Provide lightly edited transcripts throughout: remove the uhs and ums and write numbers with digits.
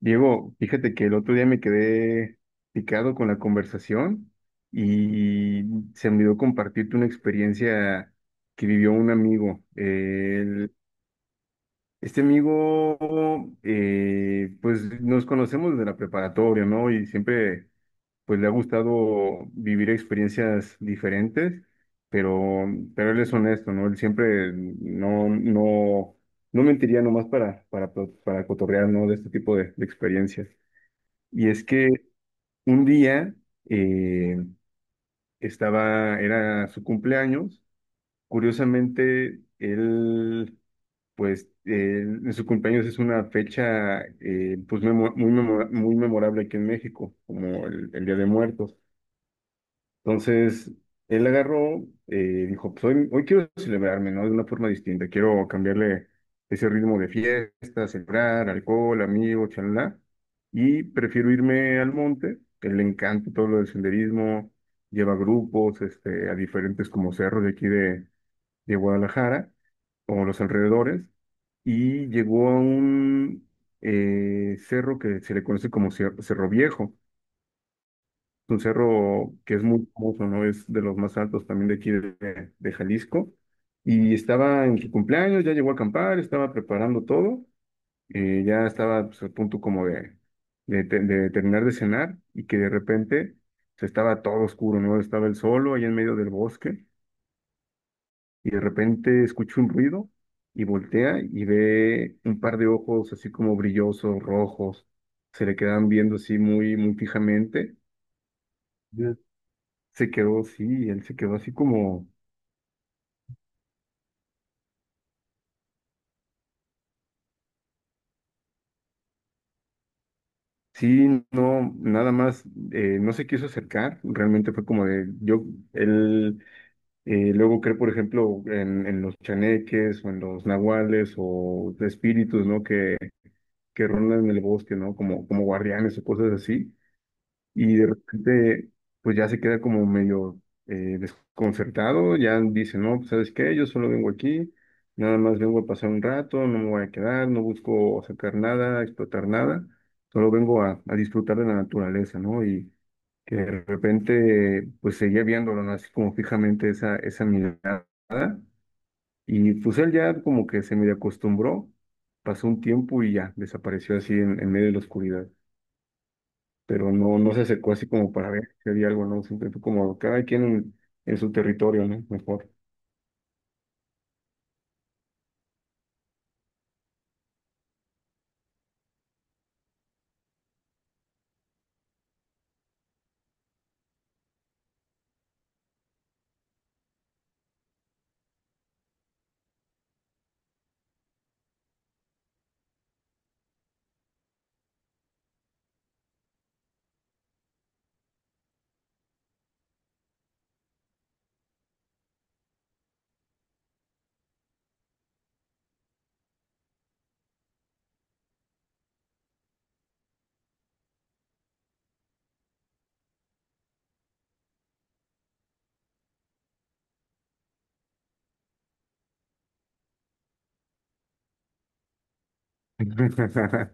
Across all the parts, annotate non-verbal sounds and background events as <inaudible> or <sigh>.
Diego, fíjate que el otro día me quedé picado con la conversación y se me olvidó compartirte una experiencia que vivió un amigo. Este amigo, pues nos conocemos desde la preparatoria, ¿no? Y siempre, pues le ha gustado vivir experiencias diferentes, pero, pero él es honesto, ¿no? Él siempre no mentiría nomás para cotorrear, ¿no? De este tipo de experiencias. Y es que un día eh, estaba, era su cumpleaños. Curiosamente, él, pues, en su cumpleaños es una fecha, pues, muy memorable aquí en México, como el Día de Muertos. Entonces, él agarró, dijo, pues hoy quiero celebrarme, ¿no? De una forma distinta, quiero cambiarle ese ritmo de fiesta, celebrar, alcohol, amigos, chalala, y prefiero irme al monte, que le encanta todo lo del senderismo, lleva grupos, este, a diferentes como cerros de aquí de Guadalajara, o los alrededores, y llegó a un cerro que se le conoce como Cerro Viejo, es un cerro que es muy famoso, ¿no? Es de los más altos también de aquí de Jalisco. Y estaba en su cumpleaños, ya llegó a acampar, estaba preparando todo, ya estaba pues, a punto como de terminar de cenar, y que de repente se estaba todo oscuro, ¿no? Estaba él solo ahí en medio del bosque y de repente escucha un ruido y voltea y ve un par de ojos así como brillosos, rojos, se le quedan viendo así muy fijamente. Se quedó, sí, él se quedó así como, sí, no, nada más, no se quiso acercar, realmente fue como de, yo, él luego cree, por ejemplo, en los chaneques o en los nahuales o espíritus, ¿no? Que rondan en el bosque, ¿no? Como guardianes o cosas así. Y de repente pues ya se queda como medio desconcertado, ya dice, no, pues, ¿sabes qué? Yo solo vengo aquí, nada más vengo a pasar un rato, no me voy a quedar, no busco sacar nada, explotar nada, solo vengo a disfrutar de la naturaleza, ¿no? Y que de repente pues seguía viéndolo, ¿no? Así como fijamente esa mirada y pues él ya como que se medio acostumbró, pasó un tiempo y ya desapareció así en medio de la oscuridad, pero no se acercó así como para ver si había algo, ¿no? Siempre fue como cada quien en su territorio, ¿no? Mejor. <laughs>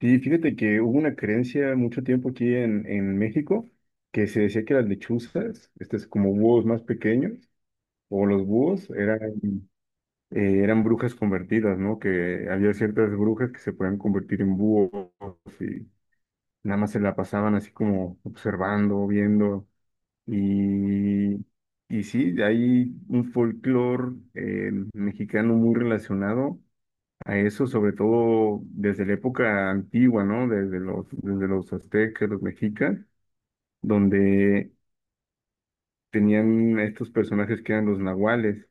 Sí, fíjate que hubo una creencia mucho tiempo aquí en México que se decía que las lechuzas, estos como búhos más pequeños, o los búhos, eran, eran brujas convertidas, ¿no? Que había ciertas brujas que se podían convertir en búhos y nada más se la pasaban así como observando, viendo. Y, y sí, hay un folclore mexicano muy relacionado a eso, sobre todo desde la época antigua, ¿no? Desde los aztecas, los mexicas, donde tenían estos personajes que eran los nahuales,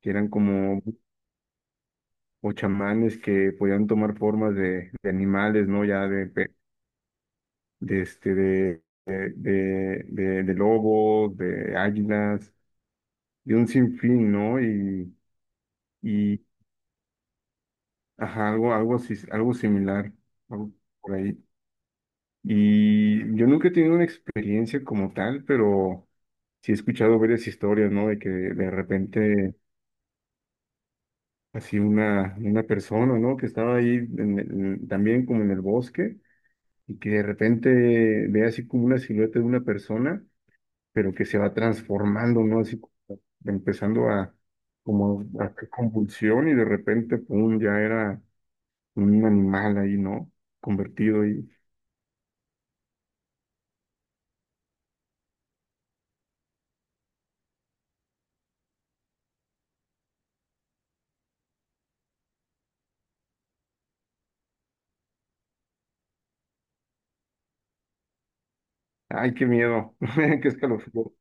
que eran como o chamanes que podían tomar formas de animales, ¿no? Ya de, de este, de lobos, de águilas, de un sinfín, ¿no? Y ajá, algo así, algo similar, algo por ahí. Y yo nunca he tenido una experiencia como tal, pero sí he escuchado varias historias, ¿no? De que de repente, así una persona, ¿no? Que estaba ahí en también como en el bosque y que de repente ve así como una silueta de una persona, pero que se va transformando, ¿no? Así como empezando a, como a hacer convulsión y de repente, pum, ya era un animal ahí, ¿no? Convertido. Ay, qué miedo, <laughs> qué escalofrío,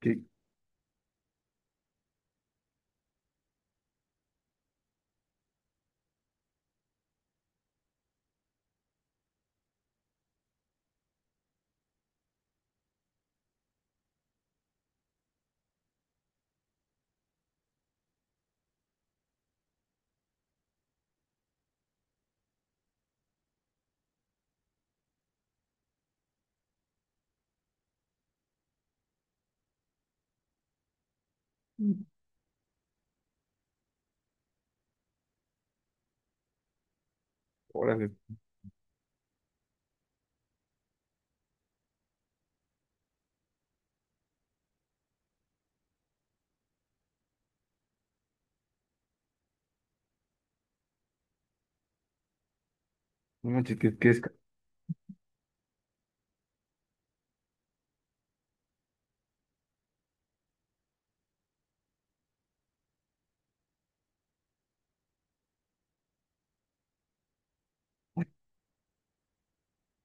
qué, órale, no manches,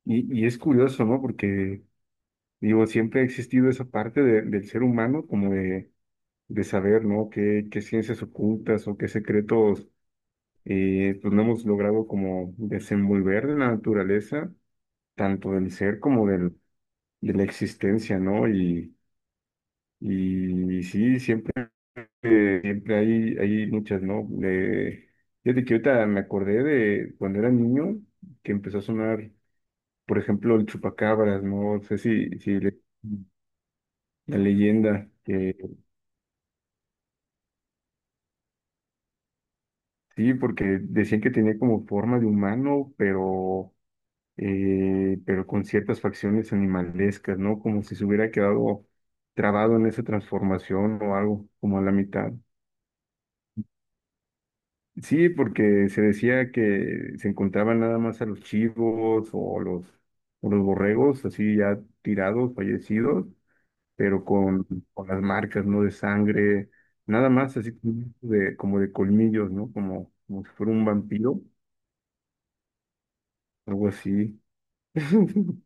Y, y es curioso, ¿no? Porque, digo, siempre ha existido esa parte de- del ser humano como de saber, ¿no? Qué ciencias ocultas o qué secretos, pues no hemos logrado como desenvolver de la naturaleza, tanto del ser como del, de la existencia, ¿no? Y sí, siempre siempre hay, hay muchas, ¿no? Fíjate que ahorita me acordé de cuando era niño que empezó a sonar, por ejemplo, el chupacabras, ¿no? No sé si la leyenda, que sí, porque decían que tenía como forma de humano, pero con ciertas facciones animalescas, ¿no? Como si se hubiera quedado trabado en esa transformación o algo, como a la mitad. Sí, porque se decía que se encontraban nada más a los chivos o los borregos así ya tirados, fallecidos, pero con las marcas, ¿no? De sangre, nada más así como de colmillos, ¿no? Como, como si fuera un vampiro, algo así. <laughs>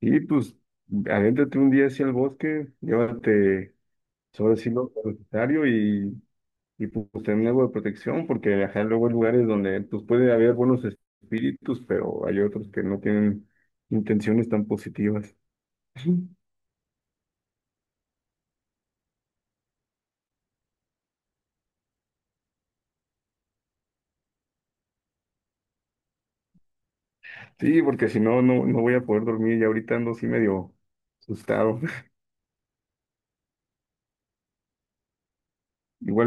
Y pues, adéntrate un día hacia el bosque, llévate, sobre sí lo y pues tener algo de protección, porque ajá, luego hay lugares donde pues puede haber buenos espíritus, pero hay otros que no tienen intenciones tan positivas. Ujú. Sí, porque si no, no, no voy a poder dormir y ahorita ando así medio asustado. <laughs> Igual